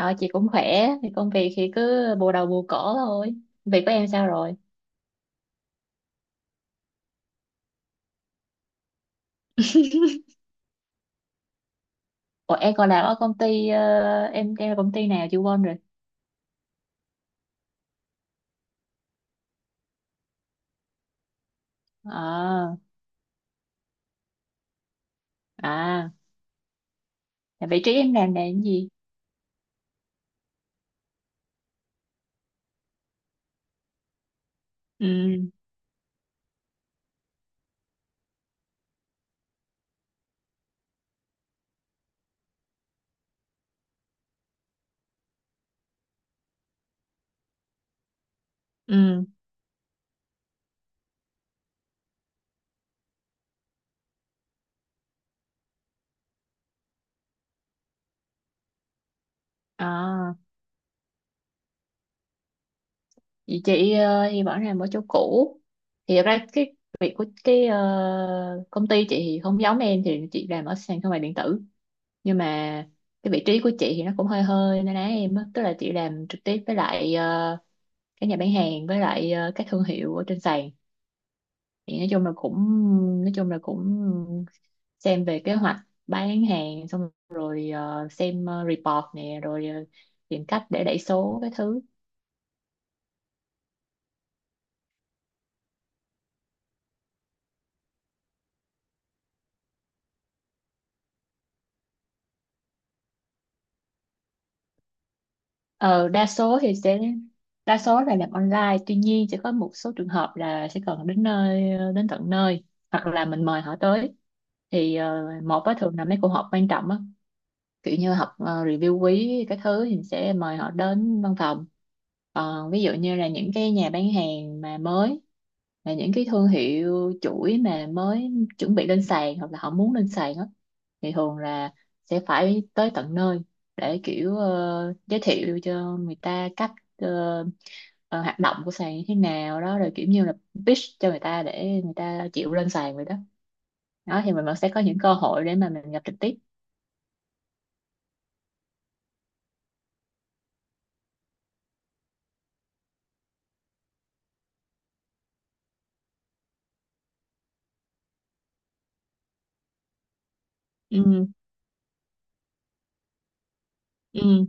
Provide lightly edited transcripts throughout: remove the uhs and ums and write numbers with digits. Ờ, chị cũng khỏe, thì công việc thì cứ bù đầu bù cổ thôi. Việc của em sao rồi? Ủa, em còn làm ở công ty, em là công ty nào chị quên rồi. ờ à, là vị trí em làm là cái gì? Ừ. Ừ. À. Vậy chị thì vẫn làm ở chỗ cũ. Thì thật ra cái việc của cái công ty chị thì không giống em, thì chị làm ở sàn thương mại điện tử. Nhưng mà cái vị trí của chị thì nó cũng hơi hơi na ná em á. Tức là chị làm trực tiếp với lại các nhà bán hàng với lại các thương hiệu ở trên sàn, thì nói chung là cũng xem về kế hoạch bán hàng, xong rồi xem report nè, rồi tìm cách để đẩy số cái thứ. ờ, đa số thì sẽ Đa số là làm online, tuy nhiên sẽ có một số trường hợp là sẽ cần đến nơi, đến tận nơi, hoặc là mình mời họ tới thì một á thường là mấy cuộc họp quan trọng á. Kiểu như học review quý cái thứ thì mình sẽ mời họ đến văn phòng. Còn ví dụ như là những cái nhà bán hàng mà mới, là những cái thương hiệu chuỗi mà mới chuẩn bị lên sàn hoặc là họ muốn lên sàn á thì thường là sẽ phải tới tận nơi, để kiểu giới thiệu cho người ta cách ờ, ờ, hoạt động của sàn như thế nào đó, rồi kiểu như là pitch cho người ta để người ta chịu lên sàn vậy đó. Đó thì mình vẫn sẽ có những cơ hội để mà mình gặp trực tiếp. Ừ. Ừ.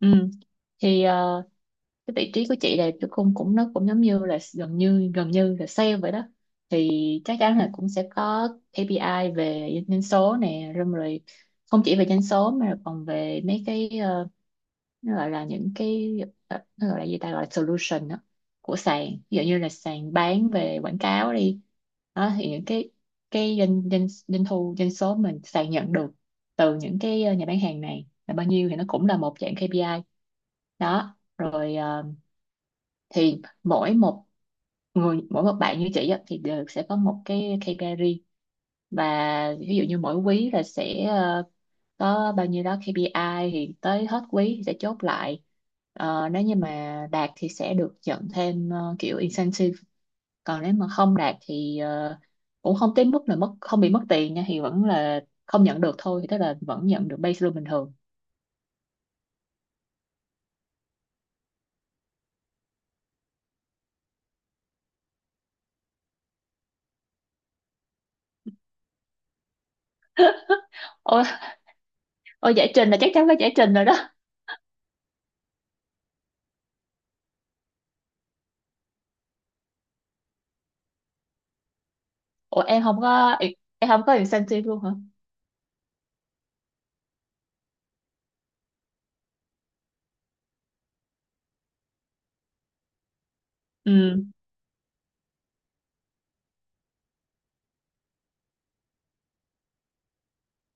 Ừ. Thì cái vị trí của chị là cái cũng cũng nó cũng giống như là gần như là sale vậy đó, thì chắc chắn là cũng sẽ có KPI về doanh số nè, rồi rồi. Không chỉ về doanh số mà còn về mấy cái, nó gọi là những cái, nó gọi là gì ta, gọi là solution đó, của sàn, ví dụ như là sàn bán về quảng cáo đi. Đó thì những cái doanh doanh doanh thu doanh số mình sàn nhận được từ những cái nhà bán hàng này là bao nhiêu thì nó cũng là một dạng KPI đó rồi, thì mỗi một bạn như chị á, thì đều sẽ có một cái KPI riêng, và ví dụ như mỗi quý là sẽ có bao nhiêu đó KPI, thì tới hết quý thì sẽ chốt lại. Nếu như mà đạt thì sẽ được nhận thêm kiểu incentive, còn nếu mà không đạt thì cũng không tới mức là mất, không bị mất tiền nha, thì vẫn là không nhận được thôi, thì tức là vẫn nhận được base lương bình thường. Ôi, ôi, giải trình là chắc chắn phải giải trình rồi đó. Ủa, em không có incentive luôn hả? Ừ.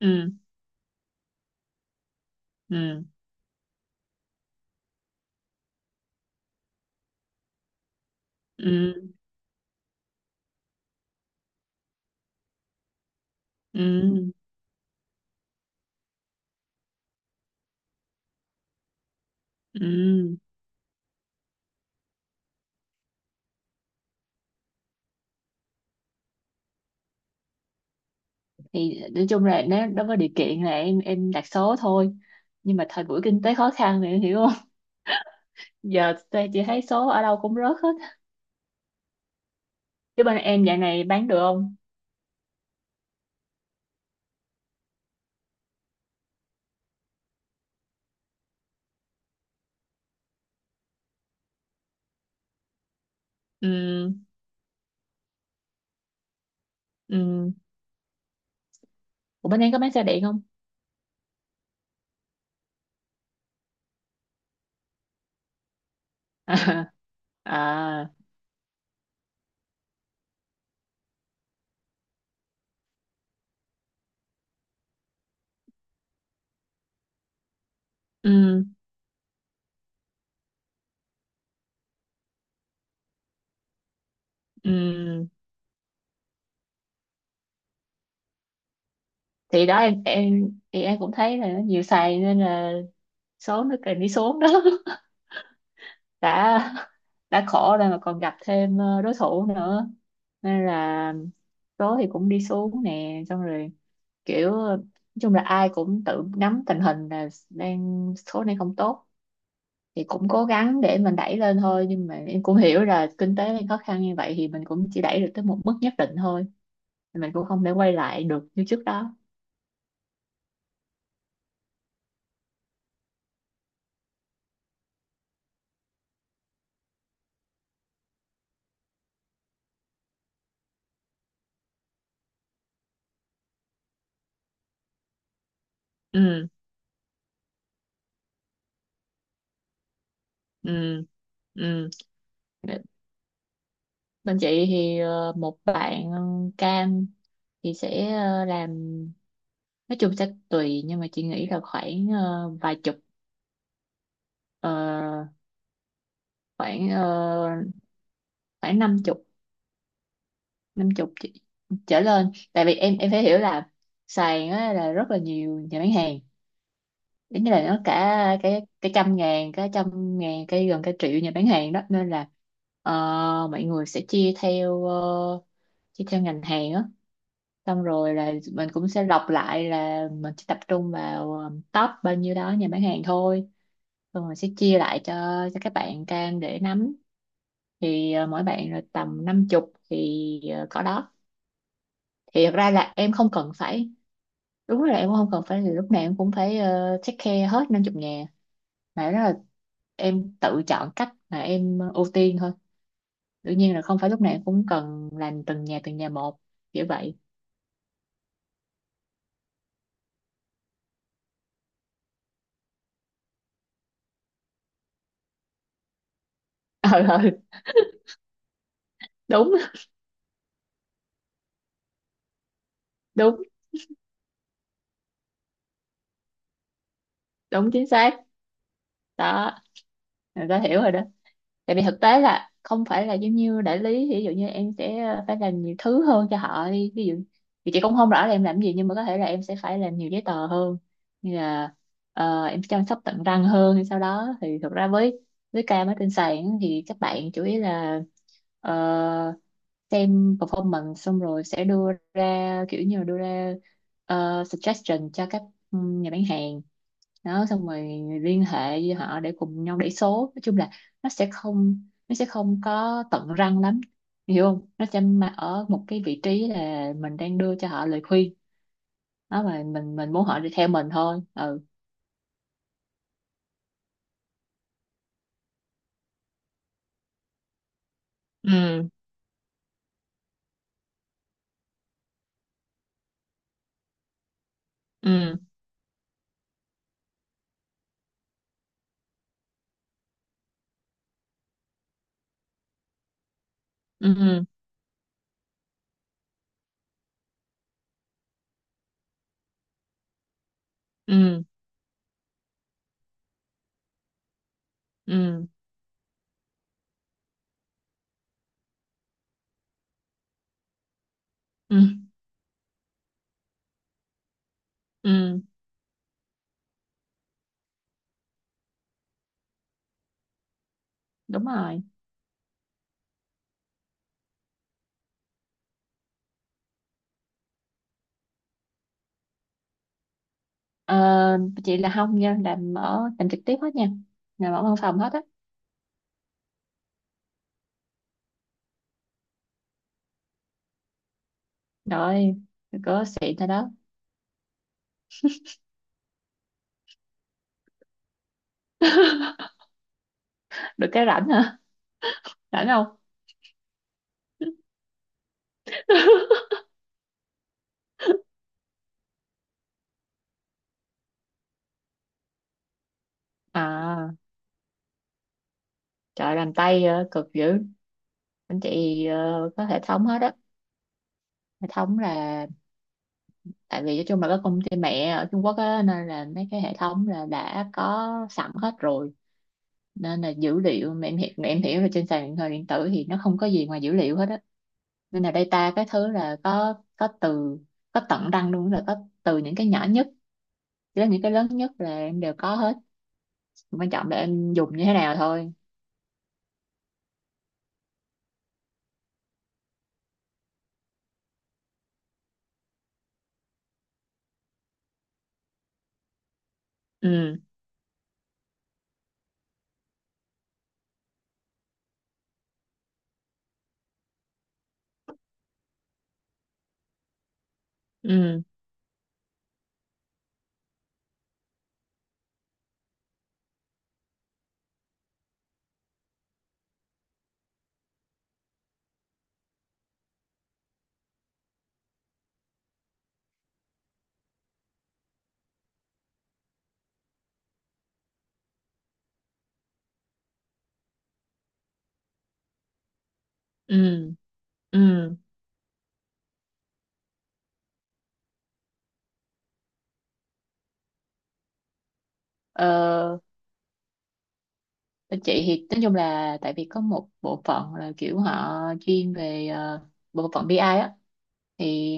Ừ. Ừ. Ừ. Ừ. Ừ. Thì nói chung là nó có điều kiện là em đặt số thôi, nhưng mà thời buổi kinh tế khó khăn thì em hiểu không? Giờ tôi chỉ thấy số ở đâu cũng rớt hết. Chứ bên em dạo này bán được không? Ừ. Ừ. Ủa, bên em có bán xe điện không? À. À. Ừ. Ừ. Thì đó, em thì em cũng thấy là nó nhiều xài nên là số nó cần đi xuống đó. Đã đã khổ rồi mà còn gặp thêm đối thủ nữa, nên là số thì cũng đi xuống nè, xong rồi kiểu nói chung là ai cũng tự nắm tình hình là đang số này không tốt, thì cũng cố gắng để mình đẩy lên thôi, nhưng mà em cũng hiểu là kinh tế đang khó khăn như vậy thì mình cũng chỉ đẩy được tới một mức nhất định thôi, mình cũng không thể quay lại được như trước đó. Ừ. Ừ. Ừ. Bên chị thì một bạn cam thì sẽ làm, nói chung sẽ tùy, nhưng mà chị nghĩ là khoảng vài chục, ờ, khoảng ờ, khoảng năm chục, năm chục chị- trở lên, tại vì em phải hiểu là sàn á, là rất là nhiều nhà bán hàng, giống như là nó cả cái trăm ngàn, cái trăm ngàn, cái gần cả triệu nhà bán hàng đó nên là ờ, mọi người sẽ chia theo ngành hàng á, xong rồi là mình cũng sẽ lọc lại là mình chỉ tập trung vào top bao nhiêu đó nhà bán hàng thôi. Xong rồi sẽ chia lại cho các bạn cam để nắm, thì mỗi bạn là tầm năm chục thì cỏ đó. Thì thật ra là em không cần phải đúng là em cũng không cần phải là lúc nào em cũng phải take care hết năm chục nhà, mà đó là em tự chọn cách mà em ưu tiên thôi. Đương nhiên là không phải lúc nào em cũng cần làm từng nhà một, kiểu vậy. ờ ừ, đúng đúng đúng, chính xác đó, người ta hiểu rồi đó. Tại vì thực tế là không phải là giống như đại lý, ví dụ như em sẽ phải làm nhiều thứ hơn cho họ đi. Ví dụ thì chị cũng không rõ là em làm gì nhưng mà có thể là em sẽ phải làm nhiều giấy tờ hơn, như là em chăm sóc tận răng hơn hay sau đó, thì thực ra với ca mới trên sàn thì các bạn chủ yếu là ờ, xem performance, xong rồi sẽ đưa ra kiểu như là đưa ra suggestion cho các nhà bán hàng đó, xong rồi liên hệ với họ để cùng nhau đẩy số. Nói chung là nó sẽ không nó sẽ không có tận răng lắm, hiểu không, nó sẽ mà ở một cái vị trí là mình đang đưa cho họ lời khuyên đó, mà mình muốn họ đi theo mình thôi. Ừ. Ừ. Ừ. Ừ. Ừ. Ừ. Ừ. Ừ. Đúng rồi. ờ, chị là không nha, làm trực tiếp hết nha, làm ở văn phòng hết á. Rồi có xịn thôi đó. Được cái rảnh hả? Rảnh không? À, trời, làm tay cực dữ. Anh chị có hệ thống hết á. Hệ thống là tại vì nói chung là cái công ty mẹ ở Trung Quốc á nên là mấy cái hệ thống là đã có sẵn hết rồi, nên là dữ liệu, mà em hiểu là trên sàn điện thoại điện tử thì nó không có gì ngoài dữ liệu hết á, nên là data cái thứ là có từ, có tận răng luôn, là có từ những cái nhỏ nhất đến những cái lớn nhất là em đều có hết, quan trọng là em dùng như thế nào thôi. Ừ. Ừ. Ừ. Ừ. ờ Bên chị thì nói chung là tại vì có một bộ phận là kiểu họ chuyên về bộ phận BI á. thì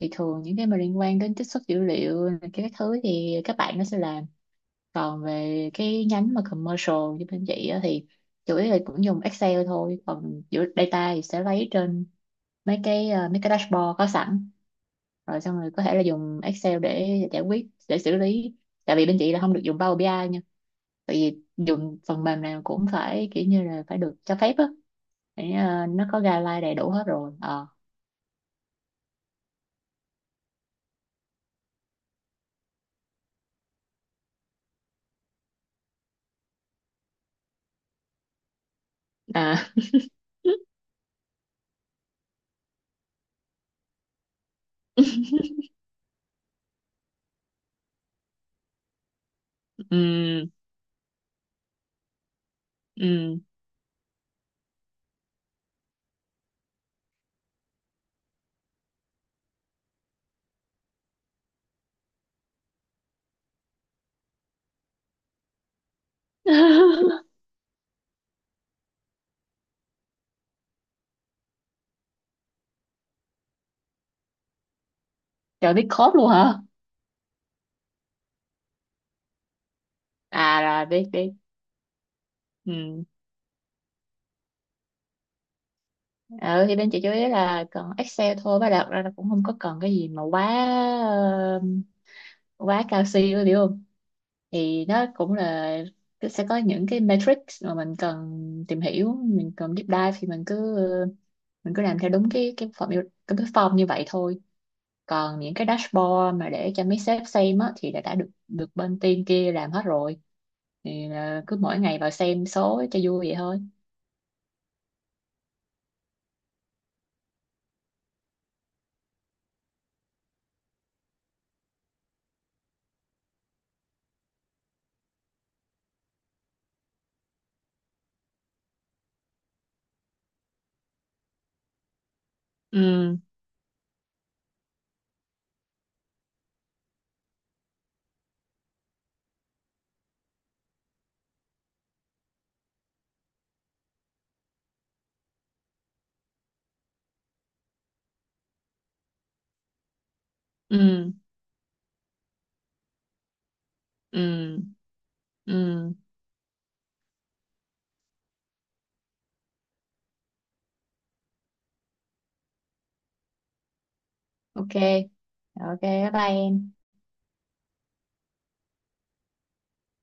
thì thường những cái mà liên quan đến trích xuất dữ liệu này, cái thứ thì các bạn nó sẽ làm. Còn về cái nhánh mà commercial như bên chị á thì chủ yếu là cũng dùng Excel thôi, còn giữa data thì sẽ lấy trên mấy cái dashboard có sẵn, rồi xong rồi có thể là dùng Excel để giải quyết, để xử lý. Tại vì bên chị là không được dùng Power BI ai, tại vì dùng phần mềm nào cũng phải kiểu như là phải được cho phép á, để nó có guideline đầy đủ hết rồi. Ờ À. Ừ. Ừ. Trời, biết code luôn hả? À, là biết biết. Ừ. ờ thì bên chị chú ý là cần Excel thôi, và đặt ra là cũng không có cần cái gì mà quá quá cao siêu rồi, hiểu không. Thì nó cũng là sẽ có những cái matrix mà mình cần tìm hiểu, mình cần deep dive thì mình cứ làm theo đúng cái form như vậy thôi. Còn những cái dashboard mà để cho mấy sếp xem á, thì đã được được bên team kia làm hết rồi, thì là cứ mỗi ngày vào xem số cho vui vậy thôi. Ừ. Ừ. Ừ. Ừ. Ok, ok. Bye bye em.